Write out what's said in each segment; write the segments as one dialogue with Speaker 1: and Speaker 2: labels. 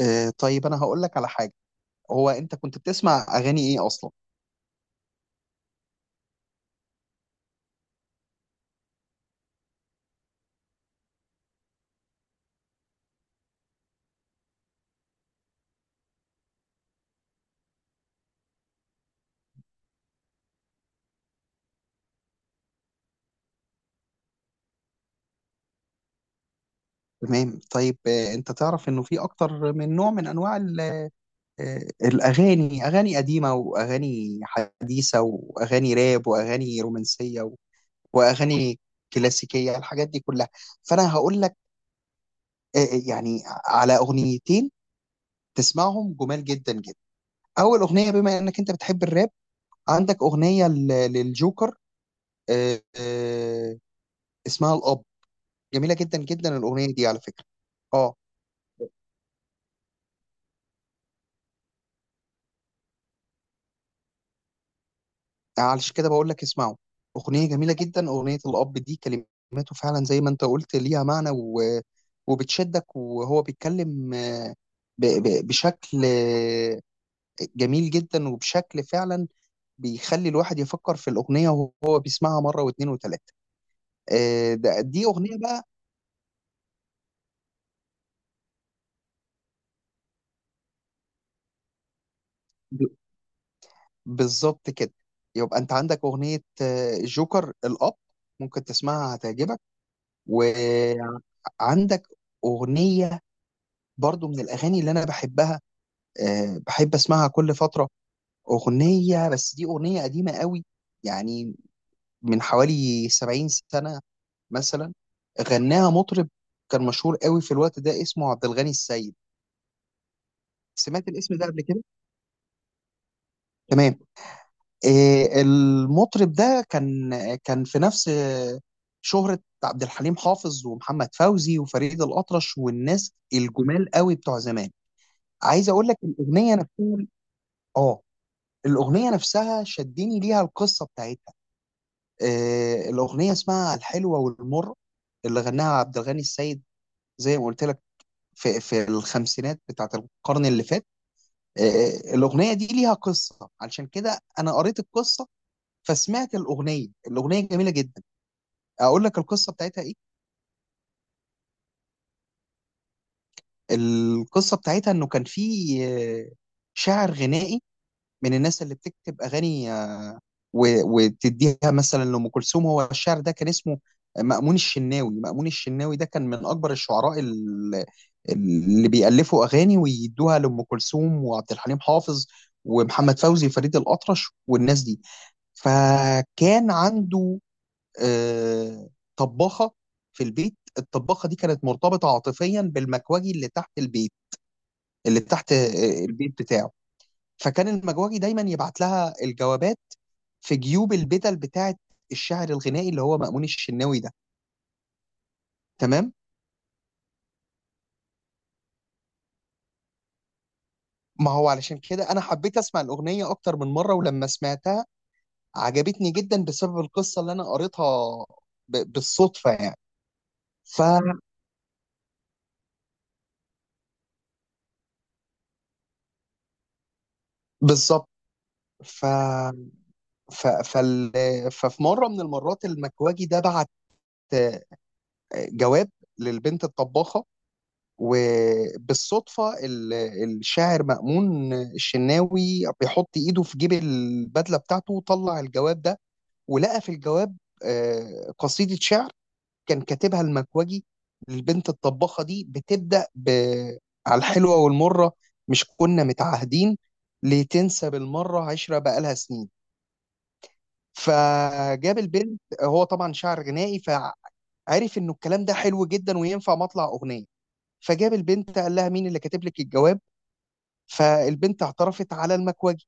Speaker 1: آه، طيب انا هقول لك على حاجه. هو انت كنت بتسمع اغاني ايه اصلا؟ تمام. طيب، انت تعرف انه في اكتر من نوع من انواع الاغاني، اغاني قديمه واغاني حديثه واغاني راب واغاني رومانسيه واغاني كلاسيكيه، الحاجات دي كلها. فانا هقول لك يعني على اغنيتين تسمعهم جمال جدا جدا. اول اغنيه، بما انك انت بتحب الراب، عندك اغنيه للجوكر، آه آه اسمها الاب، جميله جدا جدا الاغنيه دي على فكره. اه، علشان كده بقول لك اسمعوا اغنيه جميله جدا. اغنيه الاب دي كلماته فعلا زي ما انت قلت ليها معنى وبتشدك، وهو بيتكلم بشكل جميل جدا، وبشكل فعلا بيخلي الواحد يفكر في الاغنيه وهو بيسمعها مره واثنين وثلاثه. دي اغنيه بقى. ب... بالظبط كده. يبقى انت عندك اغنيه جوكر الاب، ممكن تسمعها هتعجبك. و عندك أغنية برضو من الأغاني اللي أنا بحبها، أه بحب أسمعها كل فترة. أغنية بس دي أغنية قديمة قوي، يعني من حوالي 70 سنة مثلا. غناها مطرب كان مشهور قوي في الوقت ده، اسمه عبد الغني السيد. سمعت الاسم ده قبل كده؟ تمام. المطرب ده كان كان في نفس شهرة عبد الحليم حافظ ومحمد فوزي وفريد الأطرش، والناس الجمال قوي بتوع زمان. عايز اقول لك الاغنيه نفسها. اه، الاغنيه نفسها شدني ليها القصه بتاعتها. الاغنيه اسمها الحلوه والمر، اللي غناها عبد الغني السيد، زي ما قلت لك، في الخمسينات بتاعت القرن اللي فات. الاغنيه دي ليها قصه، علشان كده انا قريت القصه فسمعت الاغنيه. الاغنيه جميله جدا. اقول لك القصه بتاعتها ايه. القصه بتاعتها انه كان في آه، شاعر غنائي من الناس اللي بتكتب اغاني وتديها مثلا لأم كلثوم. هو الشعر ده كان اسمه مأمون الشناوي. مأمون الشناوي ده كان من أكبر الشعراء اللي بيألفوا أغاني ويدوها لأم كلثوم وعبد الحليم حافظ ومحمد فوزي فريد الأطرش والناس دي. فكان عنده آه، طباخة في البيت. الطباخة دي كانت مرتبطة عاطفيا بالمكواجي اللي تحت البيت، اللي تحت البيت بتاعه. فكان المجوجي دايما يبعت لها الجوابات في جيوب البدل بتاعه الشاعر الغنائي اللي هو مأمون الشناوي ده. تمام. ما هو علشان كده انا حبيت اسمع الاغنيه اكتر من مره، ولما سمعتها عجبتني جدا بسبب القصه اللي انا قريتها بالصدفه يعني. ف بالظبط. ف... ف... فال... ففي مره من المرات المكواجي ده بعت آه، جواب للبنت الطباخه، وبالصدفة الشاعر مأمون الشناوي بيحط إيده في جيب البدلة بتاعته وطلع الجواب ده، ولقى في الجواب قصيدة شعر كان كاتبها المكوجي للبنت الطباخة دي، بتبدأ على الحلوة والمرة مش كنا متعاهدين لتنسى بالمرة عشرة بقالها سنين. فجاب البنت. هو طبعا شاعر غنائي عرف انه الكلام ده حلو جدا وينفع مطلع اغنيه. فجاب البنت قال لها مين اللي كاتب لك الجواب، فالبنت اعترفت على المكوجي.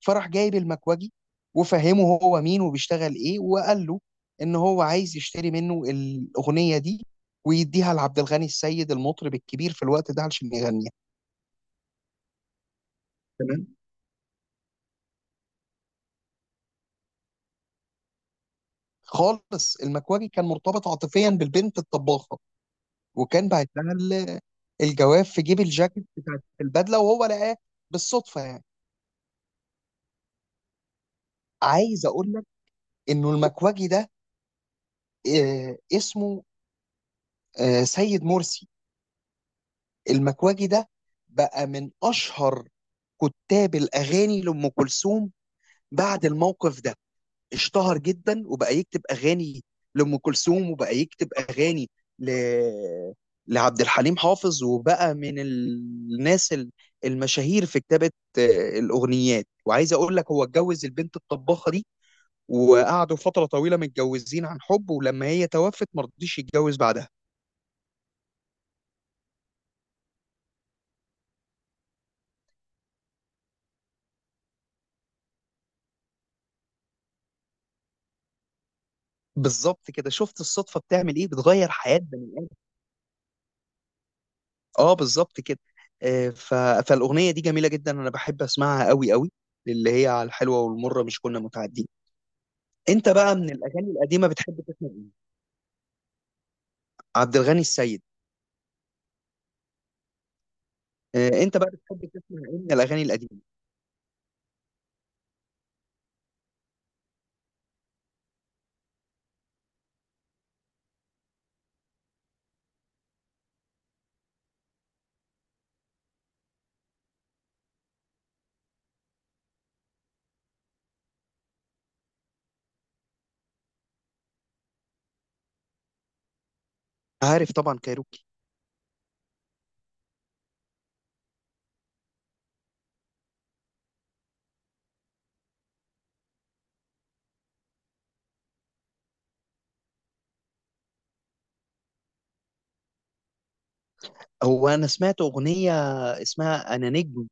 Speaker 1: فراح جايب المكوجي وفهمه هو مين وبيشتغل ايه، وقال له ان هو عايز يشتري منه الاغنيه دي ويديها لعبد الغني السيد المطرب الكبير في الوقت ده علشان يغنيها. تمام. خالص، المكواجي كان مرتبط عاطفيا بالبنت الطباخه، وكان بعت لها الجواب في جيب الجاكيت بتاعت البدله وهو لقاه بالصدفه يعني. عايز اقول لك انه المكواجي ده اسمه سيد مرسي. المكواجي ده بقى من اشهر كتاب الاغاني لام كلثوم بعد الموقف ده. اشتهر جدا وبقى يكتب اغاني لام كلثوم، وبقى يكتب اغاني ل... لعبد الحليم حافظ، وبقى من الناس المشاهير في كتابة الأغنيات. وعايز أقول لك هو اتجوز البنت الطباخة دي، وقعدوا فترة طويلة متجوزين عن حب، ولما هي توفت مرضيش يتجوز بعدها. بالظبط كده، شفت الصدفة بتعمل إيه، بتغير حياة. اه بالظبط كده. آه، ف... فالاغنيه دي جميله جدا، انا بحب اسمعها قوي قوي، اللي هي على الحلوه والمره مش كنا متعدين. انت بقى من الاغاني القديمه بتحب تسمع ايه؟ عبد الغني السيد. انت بقى بتحب تسمع ايه من الاغاني القديمه؟ عارف طبعا كايروكي. هو انا سمعت اغنيه اسمها انا نجم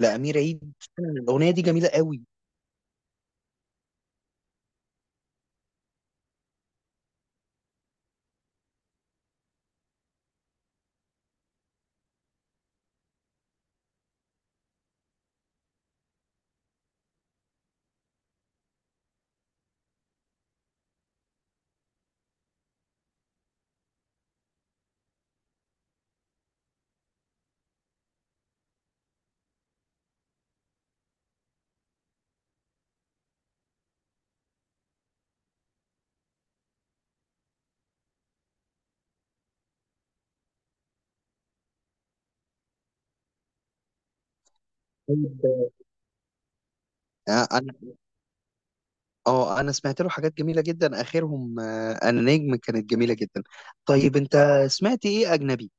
Speaker 1: لامير عيد، الاغنيه دي جميله قوي. طيب. آه، انا اه انا سمعت له حاجات جميله جدا، اخرهم انا نجم، كانت جميله جدا. طيب انت سمعت ايه اجنبي؟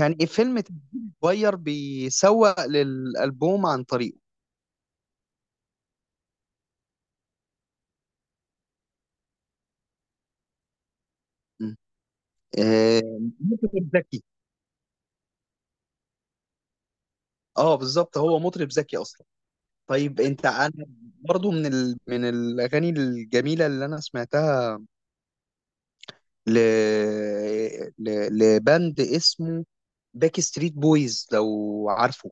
Speaker 1: يعني فيلم صغير بيسوق للألبوم عن طريقه. م. آه، مطرب ذكي. اه بالظبط، هو مطرب ذكي اصلا. طيب انت. انا برضو من من الاغاني الجميله اللي انا سمعتها ل... لباند اسمه باك ستريت بويز، لو عارفه.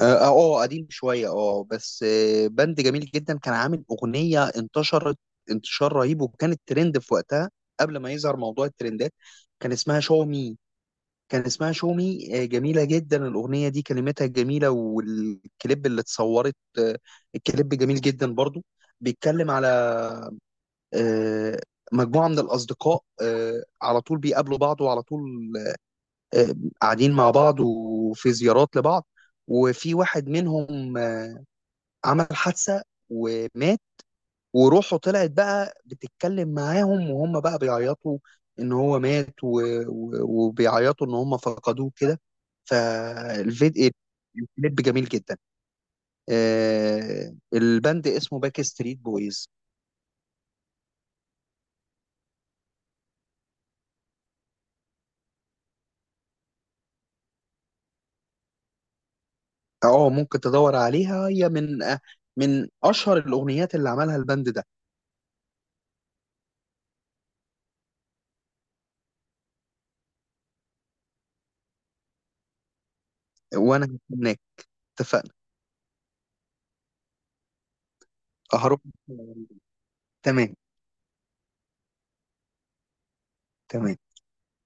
Speaker 1: اه، قديم شويه، اه بس بند جميل جدا، كان عامل اغنيه انتشرت انتشار رهيب، وكانت ترند في وقتها قبل ما يظهر موضوع الترندات. كان اسمها شو مي. كان اسمها شو مي. جميله جدا الاغنيه دي، كلماتها جميله، والكليب اللي اتصورت الكليب جميل جدا برضو. بيتكلم على آه، مجموعه من الاصدقاء على طول بيقابلوا بعض، وعلى طول آه، قاعدين مع بعض، وفي زيارات لبعض. وفي واحد منهم عمل حادثة ومات، وروحه طلعت بقى بتتكلم معاهم، وهم بقى بيعيطوا ان هو مات و... وبيعيطوا ان هم فقدوه كده. فالفيديو الكليب جميل جدا. البند اسمه باك ستريت بويز. اه، ممكن تدور عليها، هي من من اشهر الاغنيات اللي عملها البند ده. وانا هناك. اتفقنا. هروح. تمام. تمام.